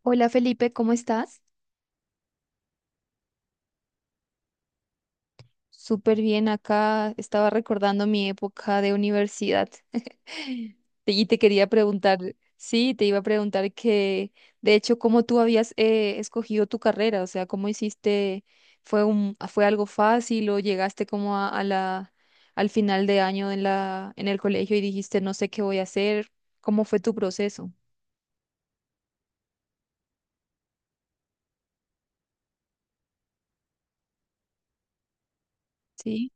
Hola Felipe, ¿cómo estás? Súper bien acá. Estaba recordando mi época de universidad. Y te quería preguntar, sí, te iba a preguntar que, de hecho, cómo tú habías escogido tu carrera, o sea, cómo hiciste, fue algo fácil o llegaste como a al final de año en en el colegio y dijiste, no sé qué voy a hacer, ¿cómo fue tu proceso? Sí,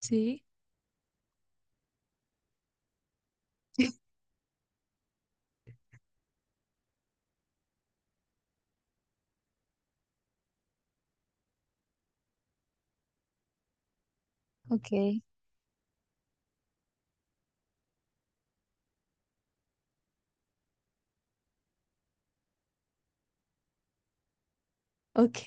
sí, ok, ok.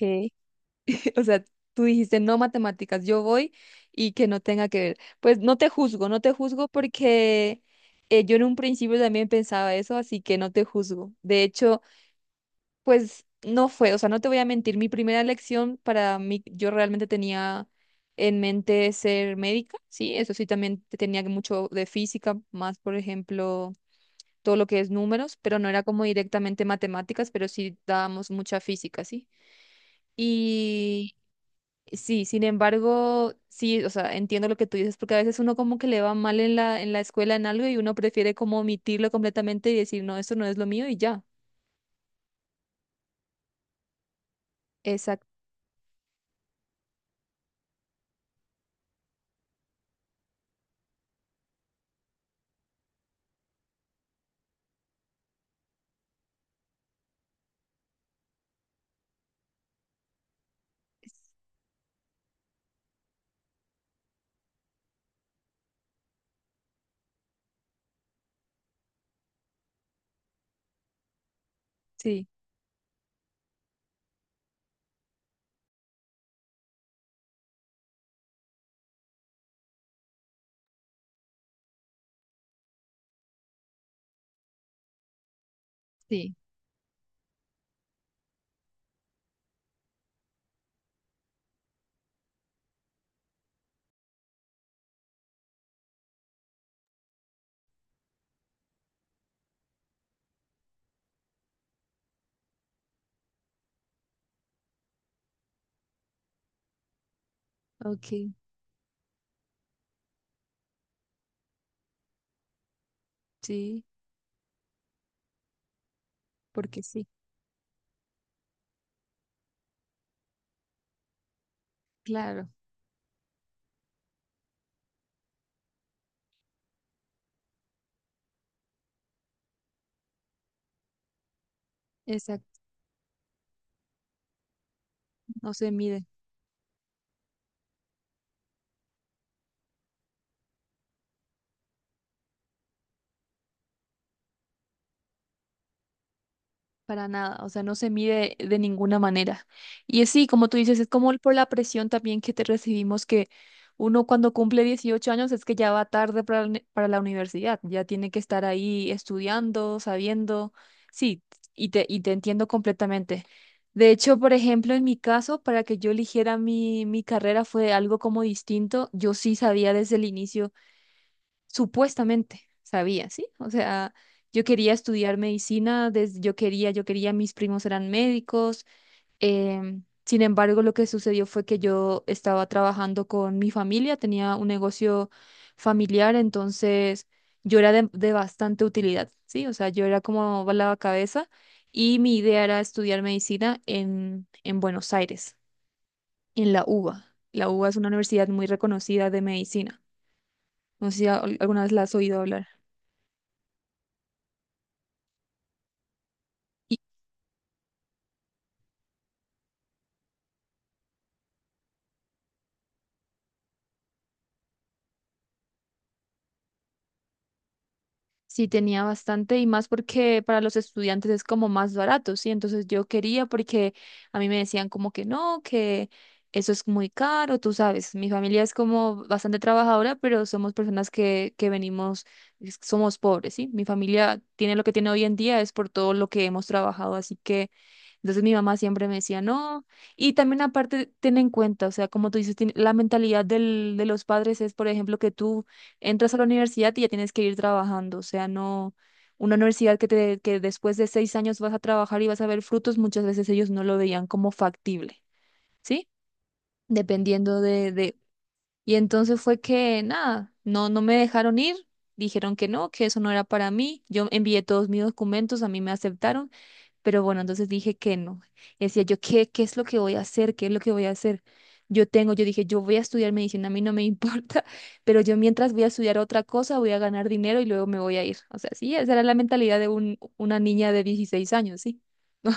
O sea, tú dijiste no matemáticas, yo voy y que no tenga que ver. Pues no te juzgo, no te juzgo porque yo en un principio también pensaba eso, así que no te juzgo. De hecho, pues no fue, o sea, no te voy a mentir, mi primera elección para mí, yo realmente tenía en mente ser médica, sí, eso sí, también tenía mucho de física, más por ejemplo, todo lo que es números, pero no era como directamente matemáticas, pero sí dábamos mucha física, sí. Sí, sin embargo, sí, o sea, entiendo lo que tú dices, porque a veces uno como que le va mal en en la escuela en algo y uno prefiere como omitirlo completamente y decir, no, esto no es lo mío y ya. Exacto, sí, sí, ok, sí, porque sí, claro, exacto, no se mide. Para nada, o sea, no se mide de ninguna manera. Y es sí, como tú dices, es como por la presión también que te recibimos, que uno cuando cumple 18 años es que ya va tarde para, para la universidad, ya tiene que estar ahí estudiando, sabiendo. Sí, y te entiendo completamente. De hecho, por ejemplo, en mi caso, para que yo eligiera mi carrera fue algo como distinto. Yo sí sabía desde el inicio supuestamente sabía, ¿sí? O sea, yo quería estudiar medicina, desde, yo quería, mis primos eran médicos. Sin embargo, lo que sucedió fue que yo estaba trabajando con mi familia, tenía un negocio familiar, entonces yo era de bastante utilidad, ¿sí? O sea, yo era como la cabeza y mi idea era estudiar medicina en Buenos Aires, en la UBA. La UBA es una universidad muy reconocida de medicina. No sé si alguna vez la has oído hablar. Sí, tenía bastante y más porque para los estudiantes es como más barato, ¿sí? Entonces yo quería porque a mí me decían como que no, que eso es muy caro, tú sabes, mi familia es como bastante trabajadora, pero somos personas que venimos, somos pobres, ¿sí? Mi familia tiene lo que tiene hoy en día es por todo lo que hemos trabajado, así que entonces mi mamá siempre me decía no. Y también aparte, ten en cuenta, o sea, como tú dices, la mentalidad de los padres es, por ejemplo, que tú entras a la universidad y ya tienes que ir trabajando, o sea, no una universidad que, te, que después de seis años vas a trabajar y vas a ver frutos, muchas veces ellos no lo veían como factible, ¿sí? Dependiendo de... Y entonces fue que, nada, no me dejaron ir, dijeron que no, que eso no era para mí, yo envié todos mis documentos, a mí me aceptaron pero bueno, entonces dije que no. Y decía yo, ¿qué es lo que voy a hacer? ¿Qué es lo que voy a hacer? Yo tengo, yo dije, yo voy a estudiar medicina, a mí no me importa, pero yo mientras voy a estudiar otra cosa, voy a ganar dinero y luego me voy a ir. O sea, sí, esa era la mentalidad de un, una niña de 16 años, sí. No,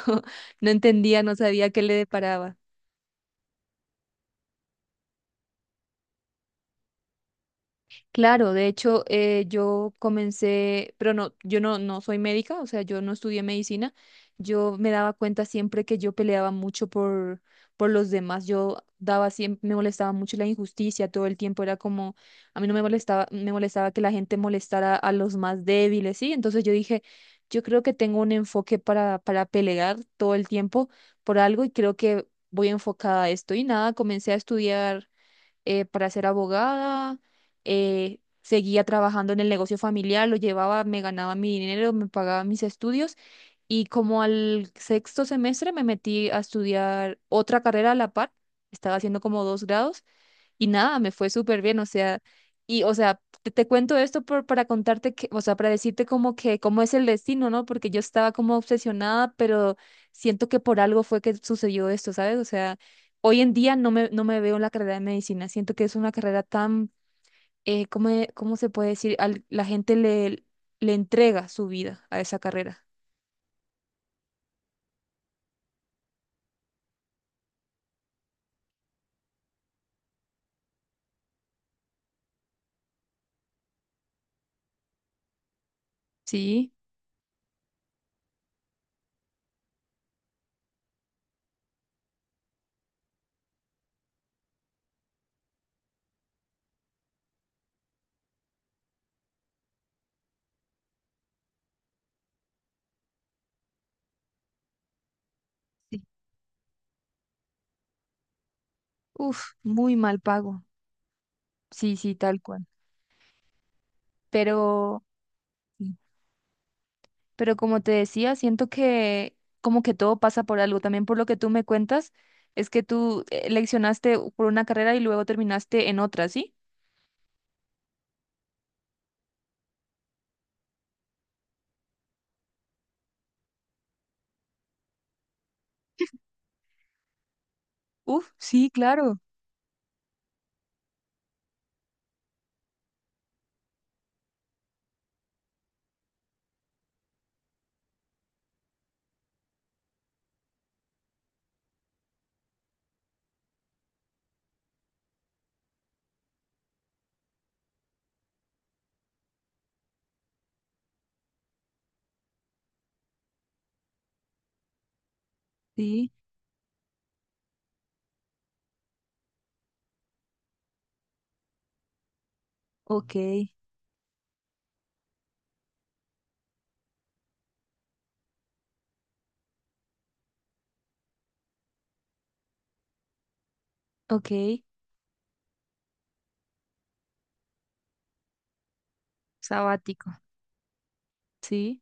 no entendía, no sabía qué le deparaba. Claro, de hecho, yo comencé, pero no, yo no, no soy médica, o sea, yo no estudié medicina. Yo me daba cuenta siempre que yo peleaba mucho por los demás. Yo daba siempre, me molestaba mucho la injusticia todo el tiempo. Era como, a mí no me molestaba, me molestaba que la gente molestara a los más débiles, ¿sí? Entonces yo dije, yo creo que tengo un enfoque para pelear todo el tiempo por algo y creo que voy enfocada a esto. Y nada, comencé a estudiar para ser abogada, seguía trabajando en el negocio familiar, lo llevaba, me ganaba mi dinero, me pagaba mis estudios y como al sexto semestre me metí a estudiar otra carrera a la par, estaba haciendo como dos grados y nada, me fue súper bien, o sea, te cuento esto por, para contarte que, o sea, para decirte como que cómo es el destino, ¿no? Porque yo estaba como obsesionada, pero siento que por algo fue que sucedió esto, ¿sabes? O sea, hoy en día no me veo en la carrera de medicina, siento que es una carrera tan, ¿cómo, cómo se puede decir? La gente le entrega su vida a esa carrera, ¿sí? Sí. Uf, muy mal pago. Sí, sí, tal cual. Pero... Pero como te decía, siento que como que todo pasa por algo. También por lo que tú me cuentas, es que tú leccionaste por una carrera y luego terminaste en otra, ¿sí? Uf, sí, claro. Sí, ok, Ok, sabático, sí,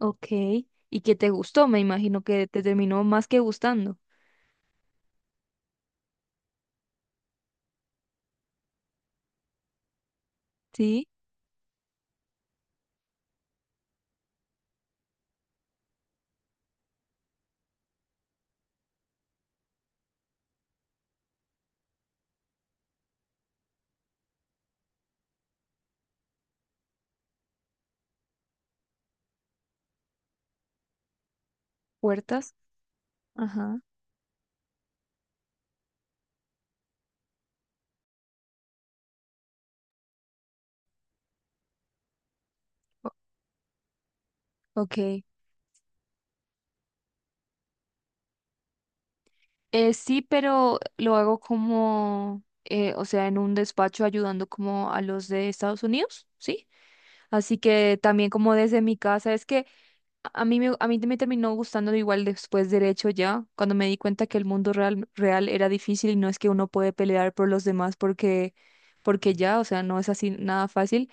ok. Y que te gustó, me imagino que te terminó más que gustando. Sí. Puertas, ajá. O- Ok, sí, pero lo hago como, o sea, en un despacho ayudando como a los de Estados Unidos, ¿sí? Así que también como desde mi casa, es que a mí me terminó gustando igual después derecho ya, cuando me di cuenta que el mundo real, real era difícil y no es que uno puede pelear por los demás porque, porque ya, o sea, no es así nada fácil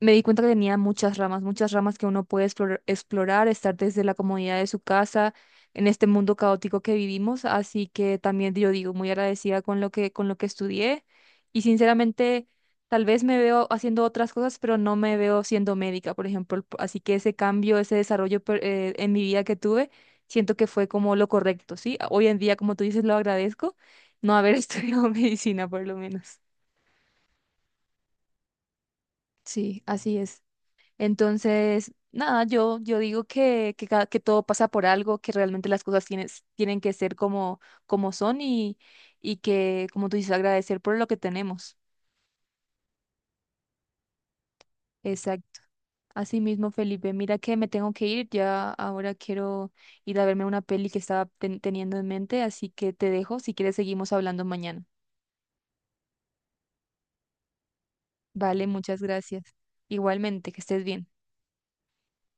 me di cuenta que tenía muchas ramas que uno puede explorar, estar desde la comodidad de su casa en este mundo caótico que vivimos, así que también yo digo muy agradecida con lo que estudié y sinceramente tal vez me veo haciendo otras cosas, pero no me veo siendo médica, por ejemplo, así que ese cambio, ese desarrollo en mi vida que tuve, siento que fue como lo correcto, ¿sí? Hoy en día, como tú dices, lo agradezco no haber estudiado medicina por lo menos. Sí, así es. Entonces, nada, yo digo que todo pasa por algo, que realmente las cosas tienes, tienen que ser como, como son y que, como tú dices, agradecer por lo que tenemos. Exacto. Así mismo, Felipe, mira que me tengo que ir, ya ahora quiero ir a verme una peli que estaba teniendo en mente, así que te dejo, si quieres seguimos hablando mañana. Vale, muchas gracias. Igualmente, que estés bien.